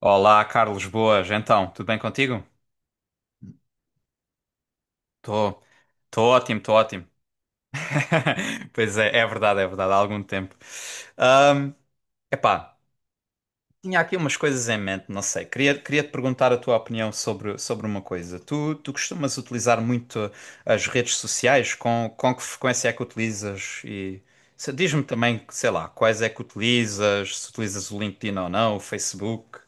Olá, Carlos, boas. Então, tudo bem contigo? Tô, tô ótimo, tô ótimo. Pois é, é verdade, há algum tempo. Ahm, epá, tinha aqui umas coisas em mente, não sei. Queria te perguntar a tua opinião sobre uma coisa. Tu costumas utilizar muito as redes sociais? Com que frequência é que utilizas? E diz-me também, sei lá, quais é que utilizas, se utilizas o LinkedIn ou não, o Facebook.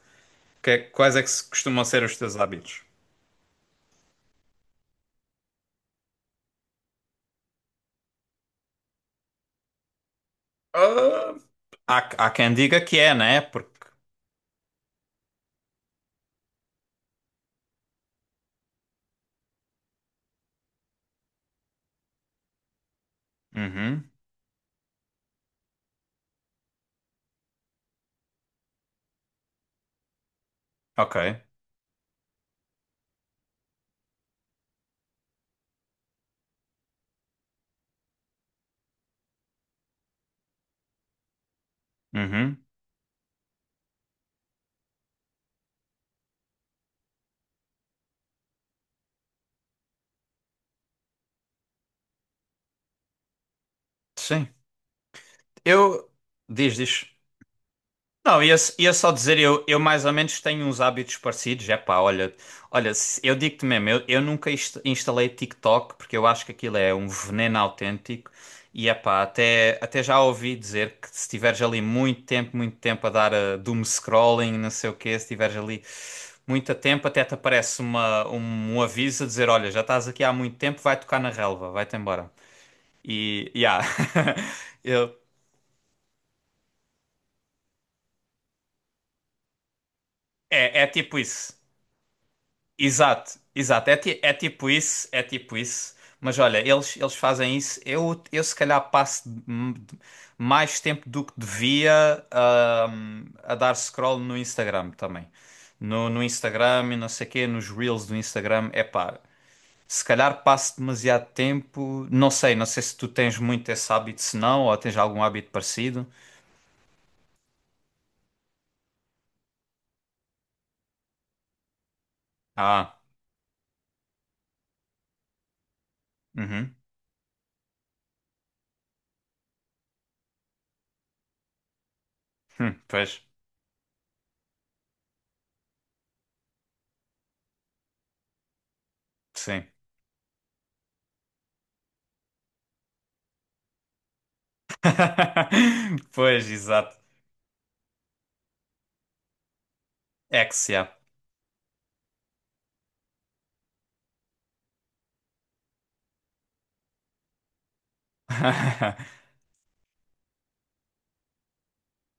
Quais é que costumam ser os teus hábitos? Há, há quem diga que é, né? Porque. Uhum. Ok. Uhum. Sim. Eu. Diz, diz. Não, ia só dizer, eu mais ou menos tenho uns hábitos parecidos. É pá, olha, olha, eu digo-te mesmo, eu nunca instalei TikTok porque eu acho que aquilo é um veneno autêntico. E é pá, até já ouvi dizer que se tiveres ali muito tempo a dar a doom scrolling, não sei o quê, se tiveres ali muito tempo, até te aparece um aviso a dizer: olha, já estás aqui há muito tempo, vai tocar na relva, vai-te embora. E, yeah, eu, é tipo isso. Exato, exato. É, é tipo isso, é tipo isso. Mas olha, eles fazem isso. Eu se calhar passo mais tempo do que devia a dar scroll no Instagram também. No Instagram e não sei quê, nos Reels do Instagram. É pá, se calhar passo demasiado tempo. Não sei se tu tens muito esse hábito, se não, ou tens algum hábito parecido. Ah, uhum. Pois, sim. Pois, exato. Yeah.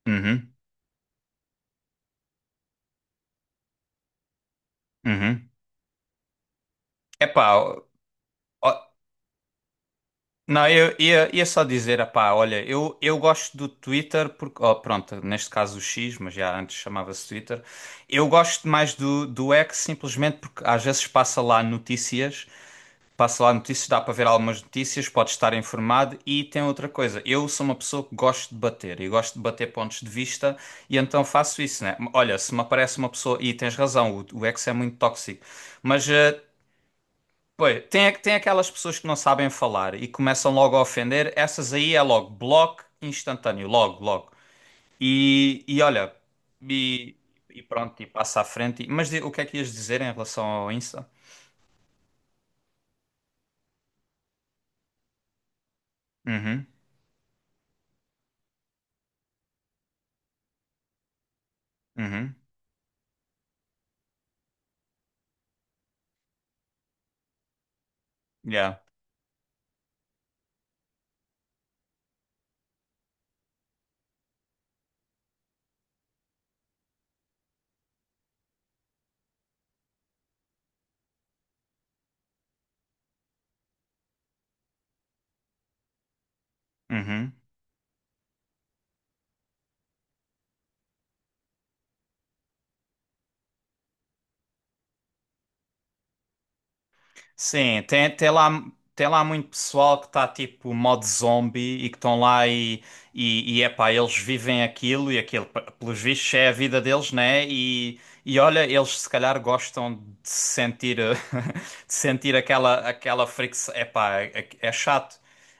Uhum, uhum. Epá, ó, ó, não, eu ia só dizer, epá, olha, eu gosto do Twitter porque, ó, pronto, neste caso o X, mas já antes chamava-se Twitter. Eu gosto mais do X simplesmente porque às vezes passa lá notícias, dá para ver algumas notícias, pode estar informado e tem outra coisa. Eu sou uma pessoa que gosto de bater e gosto de bater pontos de vista e então faço isso, né? Olha, se me aparece uma pessoa, e tens razão, o X é muito tóxico, mas pois, tem, tem aquelas pessoas que não sabem falar e começam logo a ofender, essas aí é logo bloco instantâneo, logo, logo. E olha, e, e pronto, e passa à frente. Mas o que é que ias dizer em relação ao Insta? Uhum, uhum, yeah, uhum. Sim, tem lá muito pessoal que está tipo modo zombie e que estão lá. E, E epá, eles vivem aquilo e aquilo, pelos vistos, é a vida deles, né? E olha, eles se calhar gostam de sentir, de sentir aquela fricção. Epá, é chato.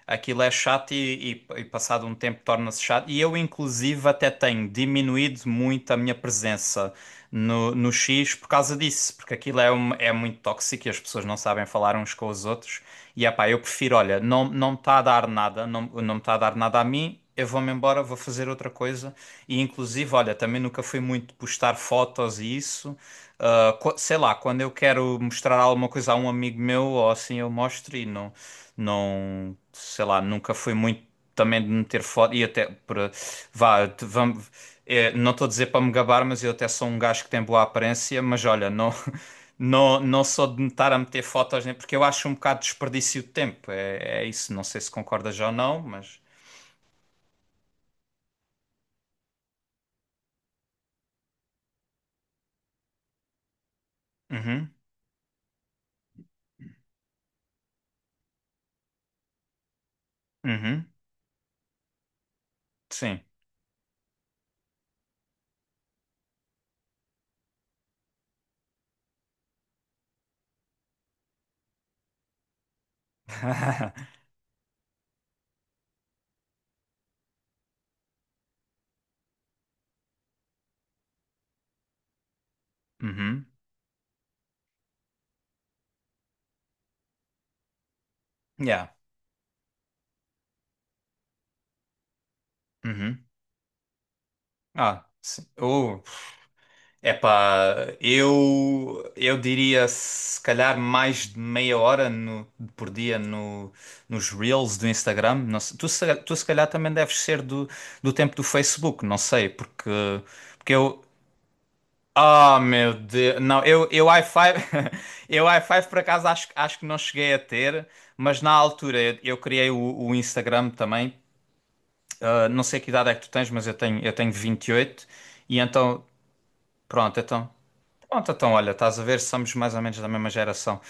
Aquilo é chato e passado um tempo torna-se chato. E eu, inclusive, até tenho diminuído muito a minha presença no X por causa disso, porque aquilo é muito tóxico e as pessoas não sabem falar uns com os outros. E epá, eu prefiro, olha, não, não me está a dar nada, não, não me está a dar nada a mim, eu vou-me embora, vou fazer outra coisa. E inclusive, olha, também nunca fui muito de postar fotos e isso. Ah, sei lá, quando eu quero mostrar alguma coisa a um amigo meu, ou assim eu mostro e não, não, sei lá, nunca fui muito também de meter foto e até para vá, vamos, é, não estou a dizer para me gabar, mas eu até sou um gajo que tem boa aparência, mas olha, não não não sou de me estar a meter fotos nem porque eu acho um bocado desperdício de tempo. É, é isso, não sei se concordas já ou não, mas Uhum, uhum, sim. Uhum, yeah. Uhum. Ah, sim. Epá, eu diria se calhar mais de meia hora por dia no, nos Reels do Instagram. Não sei, tu se calhar também deves ser do tempo do Facebook, não sei, porque, porque eu. Ah, meu Deus! Não, eu i5, eu i5 por acaso acho que não cheguei a ter, mas na altura eu criei o Instagram também. Ah, não sei que idade é que tu tens, mas eu tenho 28 e então, pronto, então. Pronto, então olha, estás a ver, somos mais ou menos da mesma geração.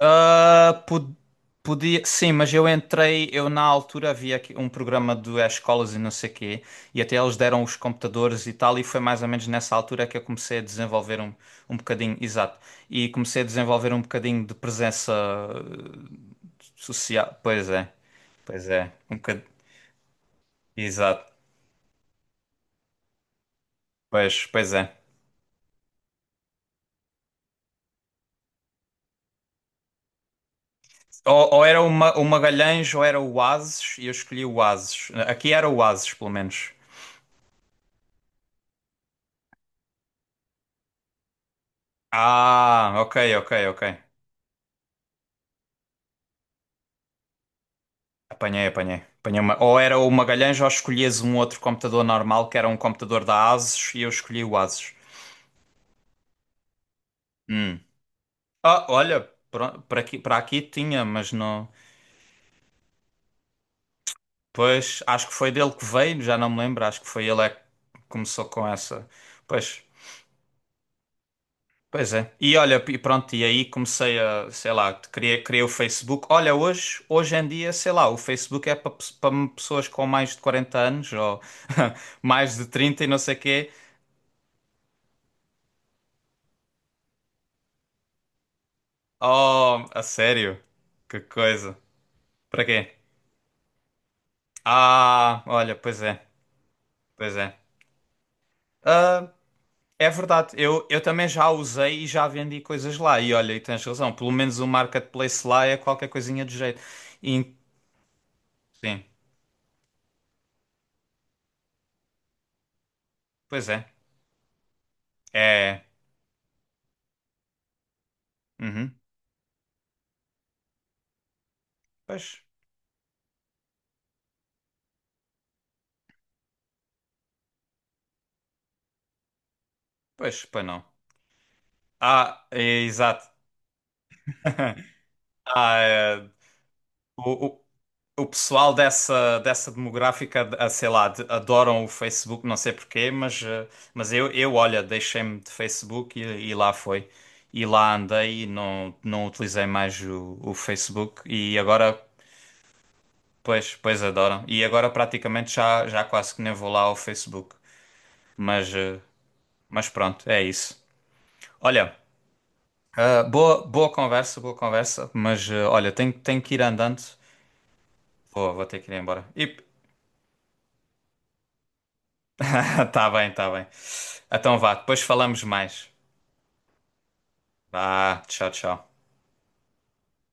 Ah, podia, sim, mas eu na altura havia aqui um programa do escolas e não sei quê, e até eles deram os computadores e tal, e foi mais ou menos nessa altura que eu comecei a desenvolver um, bocadinho, exato, e comecei a desenvolver um bocadinho de presença social. Pois é, um bocadinho, exato, pois é. Ou era o Magalhães ou era o Oasis, e eu escolhi o Oasis. Aqui era o Oasis, pelo menos. Ah, ok, ok, ok. Apanhei, apanhei. Apanhei uma... Ou era o Magalhães ou escolhias um outro computador normal que era um computador da Asus e eu escolhi o Asus. Hum. Ah, olha, para aqui tinha, mas não. Pois, acho que foi dele que veio, já não me lembro. Acho que foi ele é que começou com essa. Pois, pois é. E olha, e pronto, e aí comecei a, sei lá, criei o Facebook. Olha, hoje, hoje em dia, sei lá, o Facebook é para para pessoas com mais de 40 anos ou mais de 30 e não sei quê. Oh, a sério? Que coisa. Para quê? Ah, olha, pois é, pois é. Ah, é verdade, eu também já usei e já vendi coisas lá. E olha, e tens razão, pelo menos o marketplace lá é qualquer coisinha de jeito. E- sim, pois é. É. Uhum. Pois. Pois, pois não. Ah, é, exato. Ah, é, o, o, o pessoal dessa, dessa demográfica, ah, sei lá, adoram o Facebook, não sei porquê, mas, eh, mas eu, olha, deixei-me de Facebook e lá foi. E lá andei e não, não utilizei mais o Facebook e agora, pois, pois adoram. E agora praticamente já, já quase que nem vou lá ao Facebook. Mas, eh, mas pronto, é isso. Olha. Ah, boa, boa conversa, mas eh, olha, tenho que ir andando. Vou ter que ir embora. E... Tá bem, tá bem. Então vá, depois falamos mais. Vá, tchau, tchau.